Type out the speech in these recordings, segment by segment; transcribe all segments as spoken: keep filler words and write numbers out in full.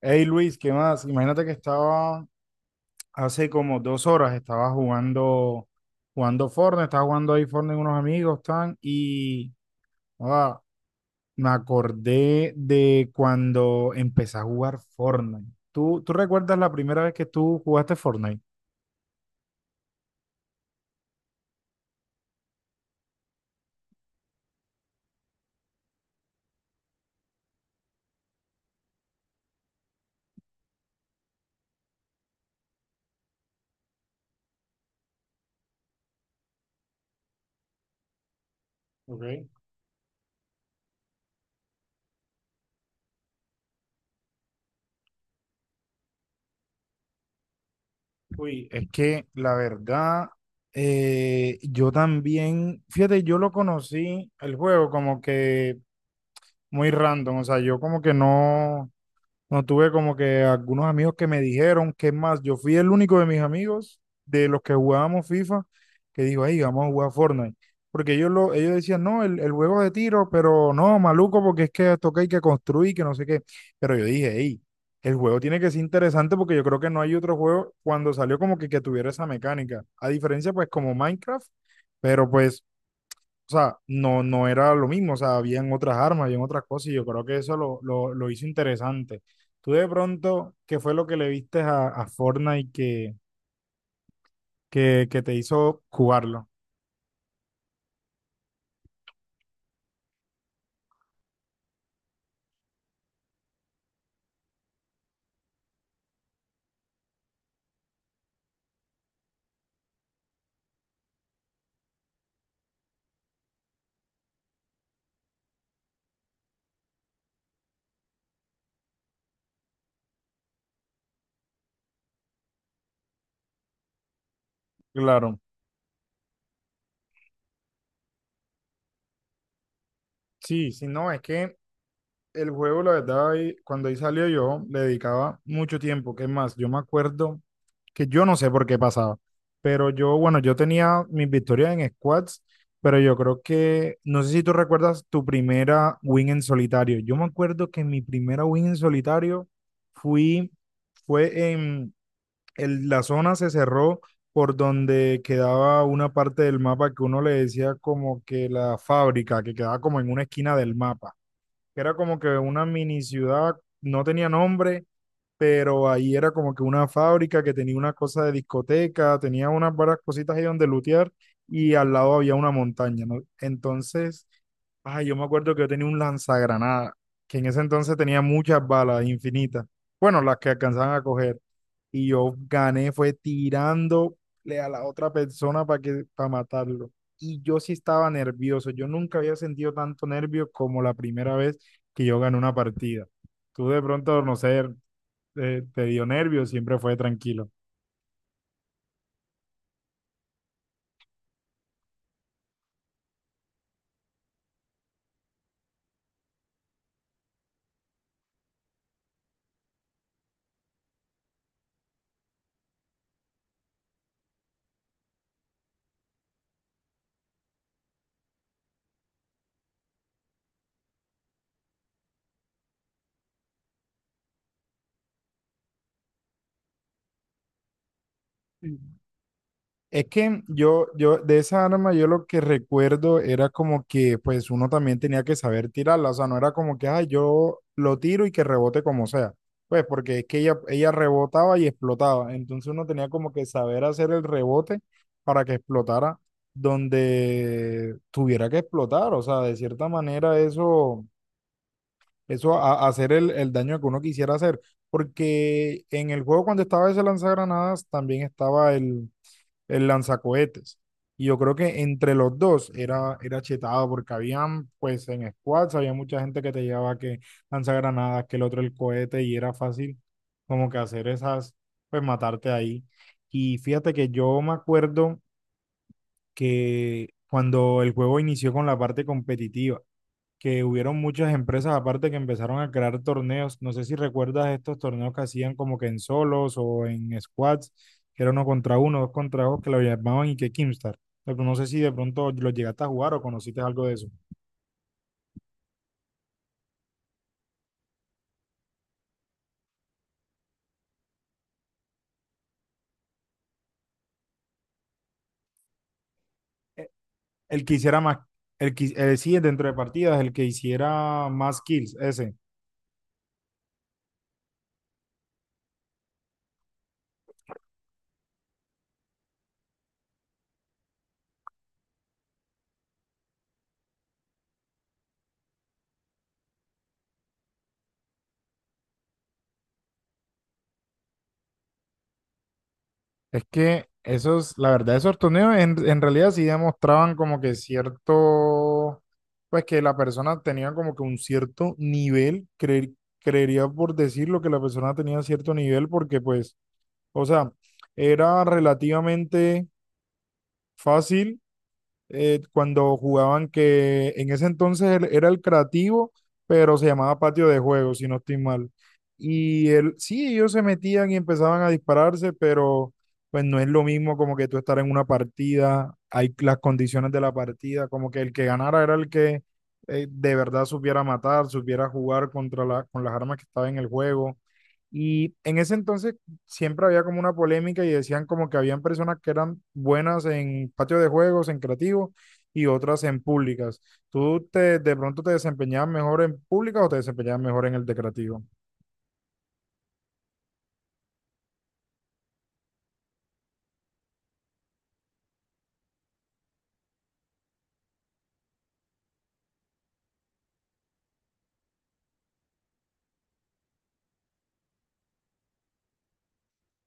Hey Luis, ¿qué más? Imagínate que estaba hace como dos horas, estaba jugando, jugando Fortnite, estaba jugando ahí Fortnite con unos amigos, tan, y ah, me acordé de cuando empecé a jugar Fortnite. ¿Tú, tú recuerdas la primera vez que tú jugaste Fortnite? Okay. Uy, es que la verdad, eh, yo también, fíjate, yo lo conocí el juego como que muy random, o sea, yo como que no. No tuve como que algunos amigos que me dijeron que es más, yo fui el único de mis amigos de los que jugábamos FIFA que dijo, ahí vamos a jugar Fortnite. Porque ellos, lo, ellos decían, no, el, el juego de tiro, pero no, maluco, porque es que toca hay que construir, que no sé qué. Pero yo dije, hey, el juego tiene que ser interesante porque yo creo que no hay otro juego cuando salió como que, que tuviera esa mecánica. A diferencia, pues, como Minecraft, pero pues o sea, no, no era lo mismo, o sea, habían otras armas, habían otras cosas, y yo creo que eso lo, lo, lo hizo interesante. Tú de pronto, ¿qué fue lo que le viste a, a Fortnite que, que, que te hizo jugarlo? Claro, sí, sí, no, es que el juego, la verdad, ahí- cuando ahí salió yo, le dedicaba mucho tiempo. ¿Qué más? Yo me acuerdo que yo no sé por qué pasaba, pero yo, bueno, yo tenía mis victorias en squads, pero yo creo que, no sé si tú recuerdas tu primera win en solitario. Yo me acuerdo que mi primera win en solitario fui, fue en, el- la zona se cerró por donde quedaba una parte del mapa que uno le decía como que la fábrica, que quedaba como en una esquina del mapa que era como que una mini ciudad, no tenía nombre, pero ahí era como que una fábrica que tenía una cosa de discoteca, tenía unas varias cositas ahí donde lutear y al lado había una montaña, ¿no? Entonces, ay, yo me acuerdo que yo tenía un lanzagranada, que en ese entonces tenía muchas balas infinitas, bueno, las que alcanzaban a coger, y yo gané, fue tirándole a la otra persona para que, para matarlo. Y yo sí estaba nervioso, yo nunca había sentido tanto nervio como la primera vez que yo gané una partida. Tú de pronto, no sé, eh, te dio nervios, siempre fue tranquilo. Sí. Es que yo, yo, de esa arma, yo lo que recuerdo era como que, pues, uno también tenía que saber tirarla. O sea, no era como que, ah, yo lo tiro y que rebote como sea. Pues, porque es que ella, ella rebotaba y explotaba. Entonces, uno tenía como que saber hacer el rebote para que explotara donde tuviera que explotar. O sea, de cierta manera, eso eso a, a hacer el, el daño que uno quisiera hacer. Porque en el juego cuando estaba ese lanzagranadas también estaba el, el lanzacohetes. Y yo creo que entre los dos era, era chetado porque habían, pues en squads, había mucha gente que te llevaba que lanzagranadas, que el otro el cohete y era fácil como que hacer esas, pues matarte ahí. Y fíjate que yo me acuerdo que cuando el juego inició con la parte competitiva, que hubieron muchas empresas aparte que empezaron a crear torneos. No sé si recuerdas estos torneos que hacían como que en solos o en squads, que era uno contra uno, dos contra dos, que lo llamaban y que Kimstar. Pero no sé si de pronto lo llegaste a jugar o conociste algo de eso. Eh, El que hiciera más, el que, eh, sí, dentro de partidas, el que hiciera más kills, ese. Es que esos, la verdad, esos torneos en, en realidad sí demostraban como que cierto, pues que la persona tenía como que un cierto nivel, creer- creería por decirlo que la persona tenía cierto nivel porque pues, o sea, era relativamente fácil eh, cuando jugaban que en ese entonces él era el creativo, pero se llamaba patio de juego, si no estoy mal. Y él, sí, ellos se metían y empezaban a dispararse, pero pues no es lo mismo como que tú estar en una partida, hay las condiciones de la partida, como que el que ganara era el que eh, de verdad supiera matar, supiera jugar contra la, con las armas que estaban en el juego. Y en ese entonces siempre había como una polémica y decían como que habían personas que eran buenas en patio de juegos, en creativo y otras en públicas. ¿Tú te, de pronto te desempeñabas mejor en públicas o te desempeñabas mejor en el de creativo?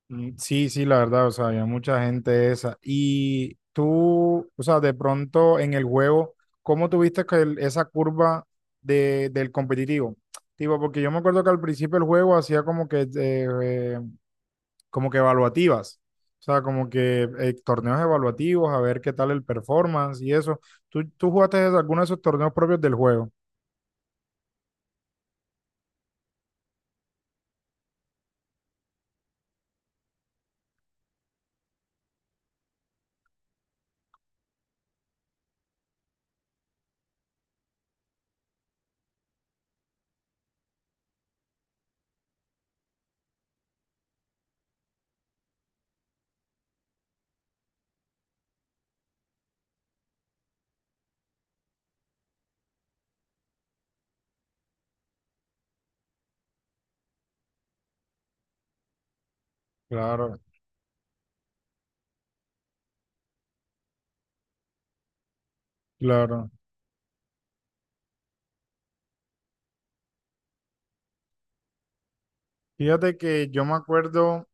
Mm, sí, sí, la verdad, o sea, había mucha gente esa. Y tú, o sea, de pronto en el juego, ¿cómo tuviste que el- esa curva de, del competitivo? Tipo, porque yo me acuerdo que al principio el juego hacía como que eh, eh, como que evaluativas. O sea, como que eh, torneos evaluativos, a ver qué tal el performance y eso. ¿Tú, tú jugaste alguno de esos torneos propios del juego? Claro, claro. Fíjate que yo me acuerdo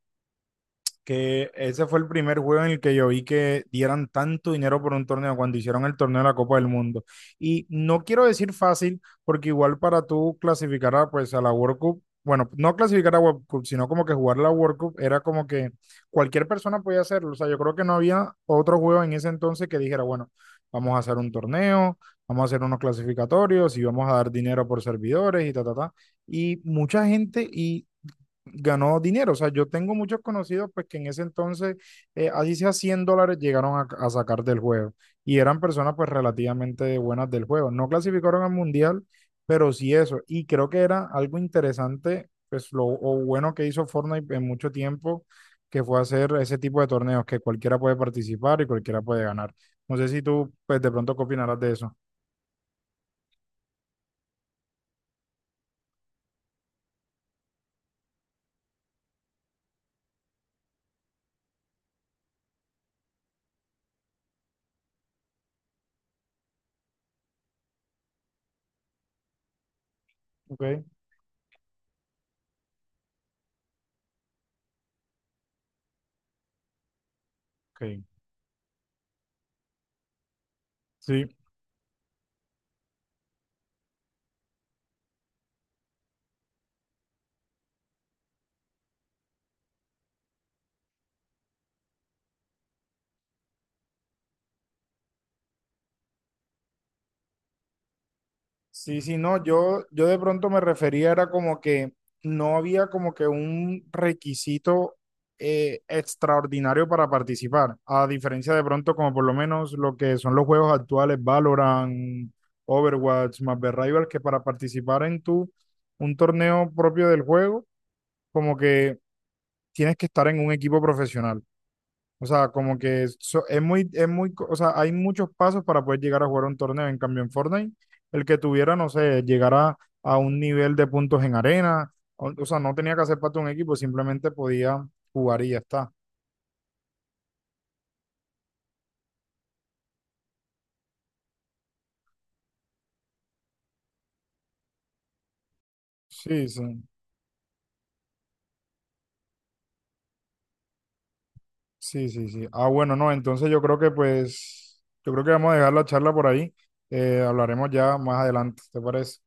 que ese fue el primer juego en el que yo vi que dieran tanto dinero por un torneo cuando hicieron el torneo de la Copa del Mundo. Y no quiero decir fácil, porque igual para tú clasificar a, pues, a la World Cup, bueno, no clasificar a World Cup, sino como que jugar la World Cup era como que cualquier persona podía hacerlo. O sea, yo creo que no había otro juego en ese entonces que dijera, bueno, vamos a hacer un torneo, vamos a hacer unos clasificatorios y vamos a dar dinero por servidores y ta, ta, ta. Y mucha gente, y ganó dinero. O sea, yo tengo muchos conocidos pues que en ese entonces, eh, así sea cien dólares, llegaron a, a sacar del juego. Y eran personas pues relativamente buenas del juego. No clasificaron al mundial, pero sí eso. Y creo que era algo interesante, pues lo o bueno que hizo Fortnite en mucho tiempo, que fue hacer ese tipo de torneos que cualquiera puede participar y cualquiera puede ganar. No sé si tú pues de pronto qué opinarás de eso. Ok, ok. Sí. Sí, sí, no, yo, yo de pronto me refería, era como que no había como que un requisito eh, extraordinario para participar, a diferencia de pronto como por lo menos lo que son los juegos actuales, Valorant, Overwatch, Marvel Rivals, que para participar en tu, un torneo propio del juego, como que tienes que estar en un equipo profesional. O sea, como que es, so- es muy, es muy, co- o sea, hay muchos pasos para poder llegar a jugar un torneo. En cambio, en Fortnite, el que tuviera, no sé, llegara a un nivel de puntos en arena, o, o sea, no tenía que hacer parte de un equipo, simplemente podía jugar y ya está. Sí, sí, sí, sí, sí. Ah, bueno, no, entonces yo creo que pues, yo creo que vamos a dejar la charla por ahí. Eh, hablaremos ya más adelante, ¿te parece?